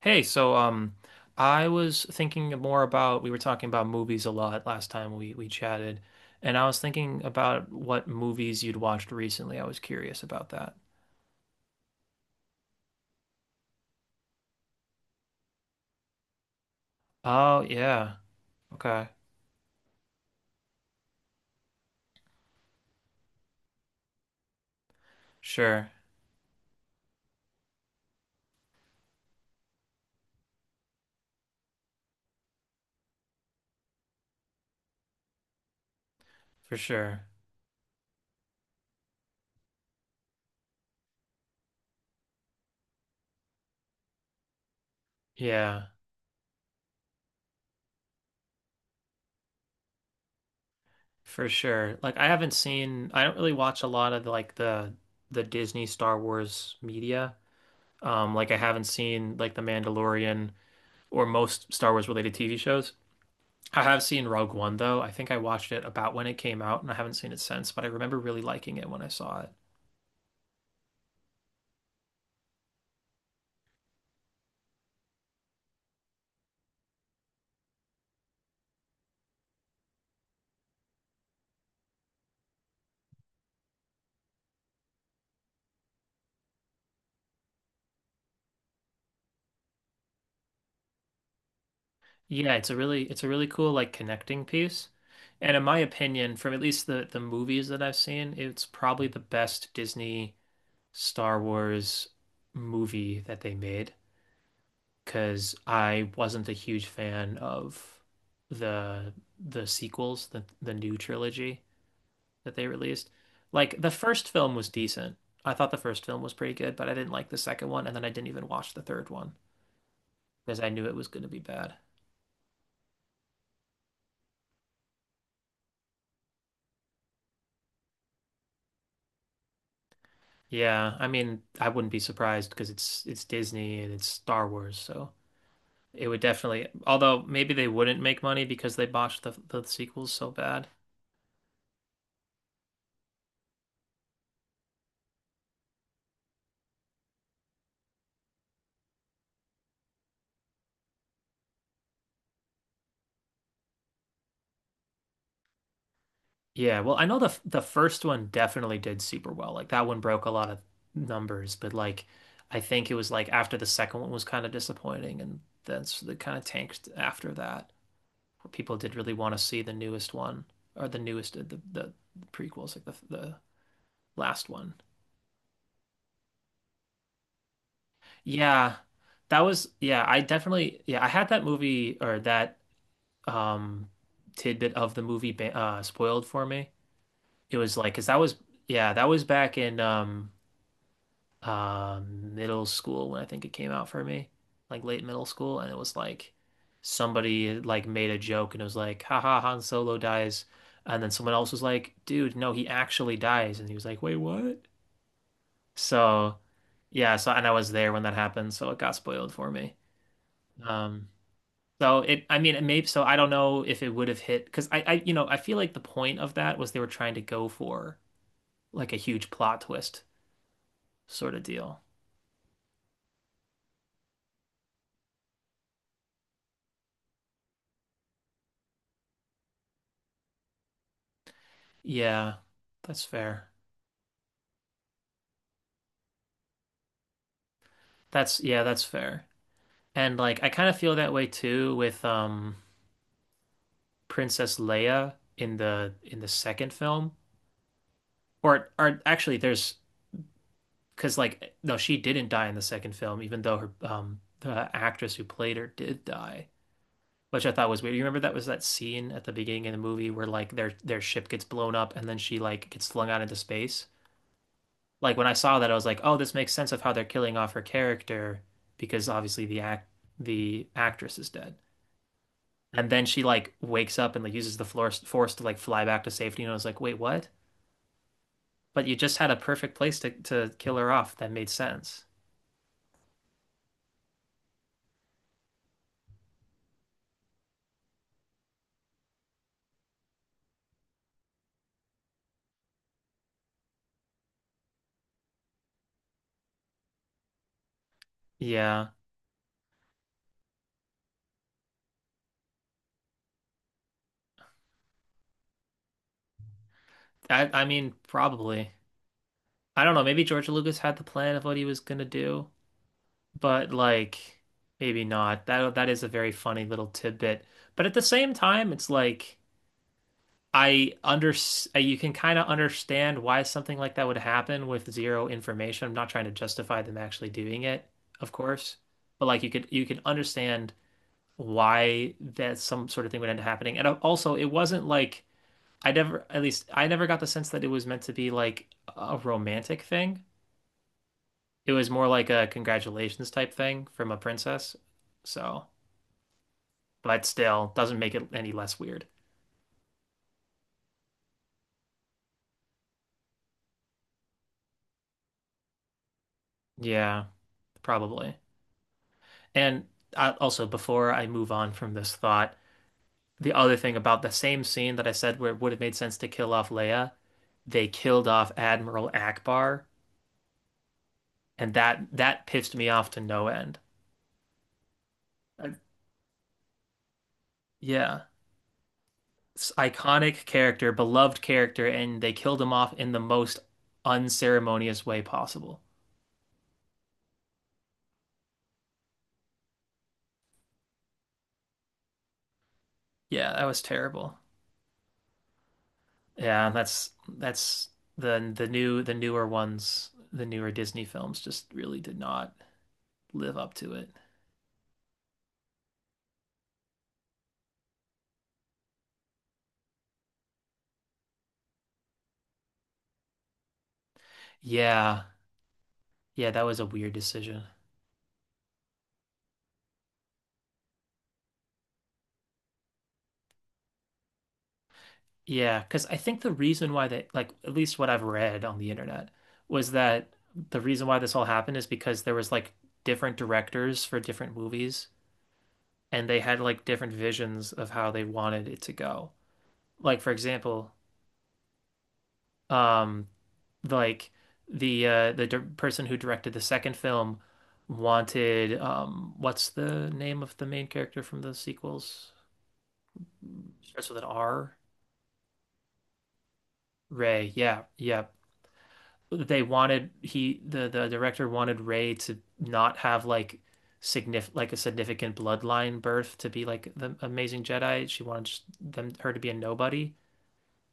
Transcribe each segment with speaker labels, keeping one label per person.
Speaker 1: Hey, so I was thinking more about we were talking about movies a lot last time we chatted, and I was thinking about what movies you'd watched recently. I was curious about that. Oh yeah, okay, sure, for sure, yeah, for sure. Like I haven't seen, I don't really watch a lot of like the Disney Star Wars media. Like I haven't seen like The Mandalorian or most Star Wars related TV shows. I have seen Rogue One though. I think I watched it about when it came out and I haven't seen it since, but I remember really liking it when I saw it. Yeah, it's a really cool like connecting piece. And in my opinion, from at least the movies that I've seen, it's probably the best Disney Star Wars movie that they made because I wasn't a huge fan of the the sequels, the new trilogy that they released. Like the first film was decent. I thought the first film was pretty good, but I didn't like the second one, and then I didn't even watch the third one because I knew it was going to be bad. Yeah, I mean, I wouldn't be surprised because it's Disney and it's Star Wars, so it would definitely. Although maybe they wouldn't make money because they botched the sequels so bad. Yeah, well, I know the first one definitely did super well. Like that one broke a lot of numbers, but like I think it was like after the second one was kind of disappointing, and that's the kind of tanked after that. People did really want to see the newest one or the newest the prequels like the last one. Yeah. That was, yeah, I definitely, yeah, I had that movie or that um tidbit of the movie spoiled for me. It was like because that was, yeah, that was back in middle school when I think it came out for me, like late middle school, and it was like somebody like made a joke and it was like, haha, Han Solo dies. And then someone else was like, dude, no, he actually dies. And he was like, wait, what? So yeah, and I was there when that happened, so it got spoiled for me. Um so it I mean it may so I don't know if it would have hit because I you know I feel like the point of that was they were trying to go for like a huge plot twist sort of deal. Yeah, that's fair. That's, yeah, that's fair. And like I kind of feel that way too with Princess Leia in the second film. Or actually there's because like no, she didn't die in the second film, even though her the actress who played her did die, which I thought was weird. You remember that was that scene at the beginning of the movie where like their ship gets blown up and then she like gets flung out into space? Like when I saw that I was like, "Oh, this makes sense of how they're killing off her character because obviously the actress is dead." And then she like wakes up and like uses the force to like fly back to safety. And I was like, wait, what? But you just had a perfect place to kill her off. That made sense. Yeah. I mean, probably. I don't know. Maybe George Lucas had the plan of what he was gonna do, but like maybe not. That is a very funny little tidbit. But at the same time, it's like I under you can kind of understand why something like that would happen with zero information. I'm not trying to justify them actually doing it, of course, but like you could understand why that some sort of thing would end up happening. And also, it wasn't like I never at least I never got the sense that it was meant to be like a romantic thing. It was more like a congratulations type thing from a princess. So, but still doesn't make it any less weird. Yeah, probably. And also, before I move on from this thought, the other thing about the same scene that I said where it would have made sense to kill off Leia, they killed off Admiral Akbar, and that pissed me off to no end. Yeah, it's iconic character, beloved character, and they killed him off in the most unceremonious way possible. Yeah, that was terrible. Yeah, that's the newer ones, the newer Disney films just really did not live up to it. Yeah. Yeah, that was a weird decision. Yeah, because I think the reason why they, like, at least what I've read on the internet, was that the reason why this all happened is because there was like different directors for different movies, and they had like different visions of how they wanted it to go. Like, for example, um, like the di person who directed the second film wanted, what's the name of the main character from the sequels? Starts with an R. Ray. Yeah, yeah. The director wanted Rey to not have like significant like a significant bloodline birth to be like the amazing Jedi. She wanted just them her to be a nobody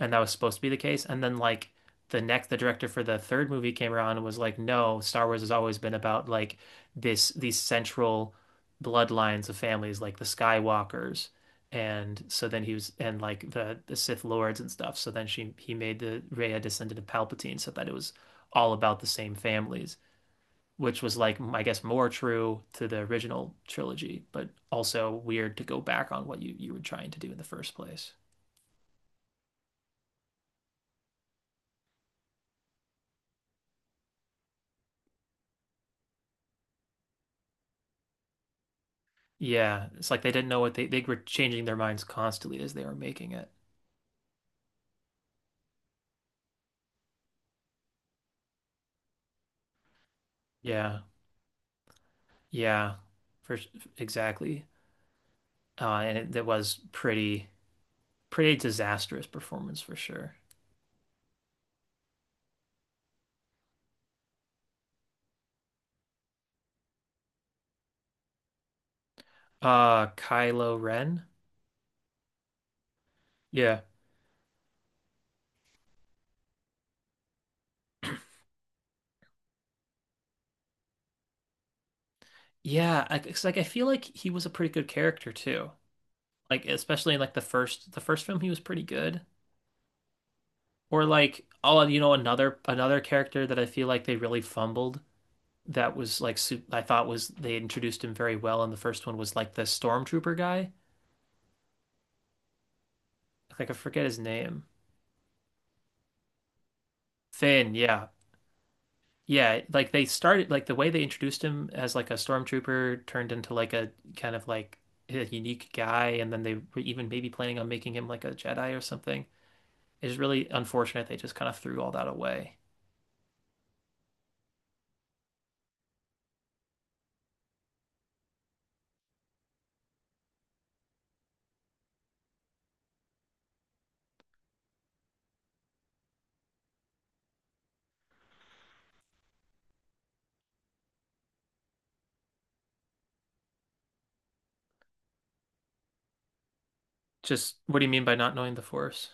Speaker 1: and that was supposed to be the case. And then like the director for the third movie came around and was like, no, Star Wars has always been about like this these central bloodlines of families, like the Skywalkers. And so then he was and like the Sith Lords and stuff. So then she he made the Rey a descendant of Palpatine, so that it was all about the same families, which was like I guess more true to the original trilogy, but also weird to go back on what you were trying to do in the first place. Yeah, it's like they didn't know what they were changing their minds constantly as they were making it. Yeah, yeah, for s- exactly. That was pretty disastrous performance for sure. Kylo Ren. Yeah. Yeah, it's like I feel like he was a pretty good character too. Like especially in like the first film he was pretty good. Or like oh, another character that I feel like they really fumbled that was like I thought was they introduced him very well, and the first one was like the stormtrooper guy. Like I forget his name. Finn, yeah. Yeah, like they started like the way they introduced him as like a stormtrooper turned into like a kind of like a unique guy, and then they were even maybe planning on making him like a Jedi or something. It's really unfortunate they just kind of threw all that away. Just what do you mean by not knowing the Force?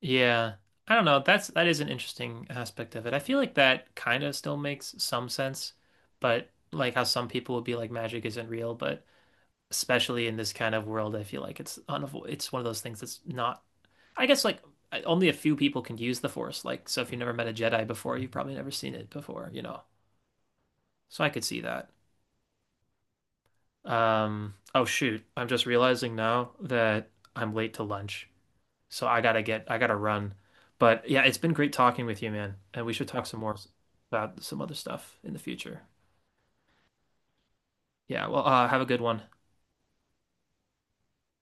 Speaker 1: Yeah. I don't know. That is an interesting aspect of it. I feel like that kind of still makes some sense, but like how some people would be like magic isn't real, but especially in this kind of world, I feel like it's one of those things that's not I guess like only a few people can use the Force. Like so if you never met a Jedi before, you've probably never seen it before, you know. So I could see that. Oh shoot. I'm just realizing now that I'm late to lunch. So I gotta run. But yeah, it's been great talking with you, man. And we should talk some more about some other stuff in the future. Yeah, well, have a good one.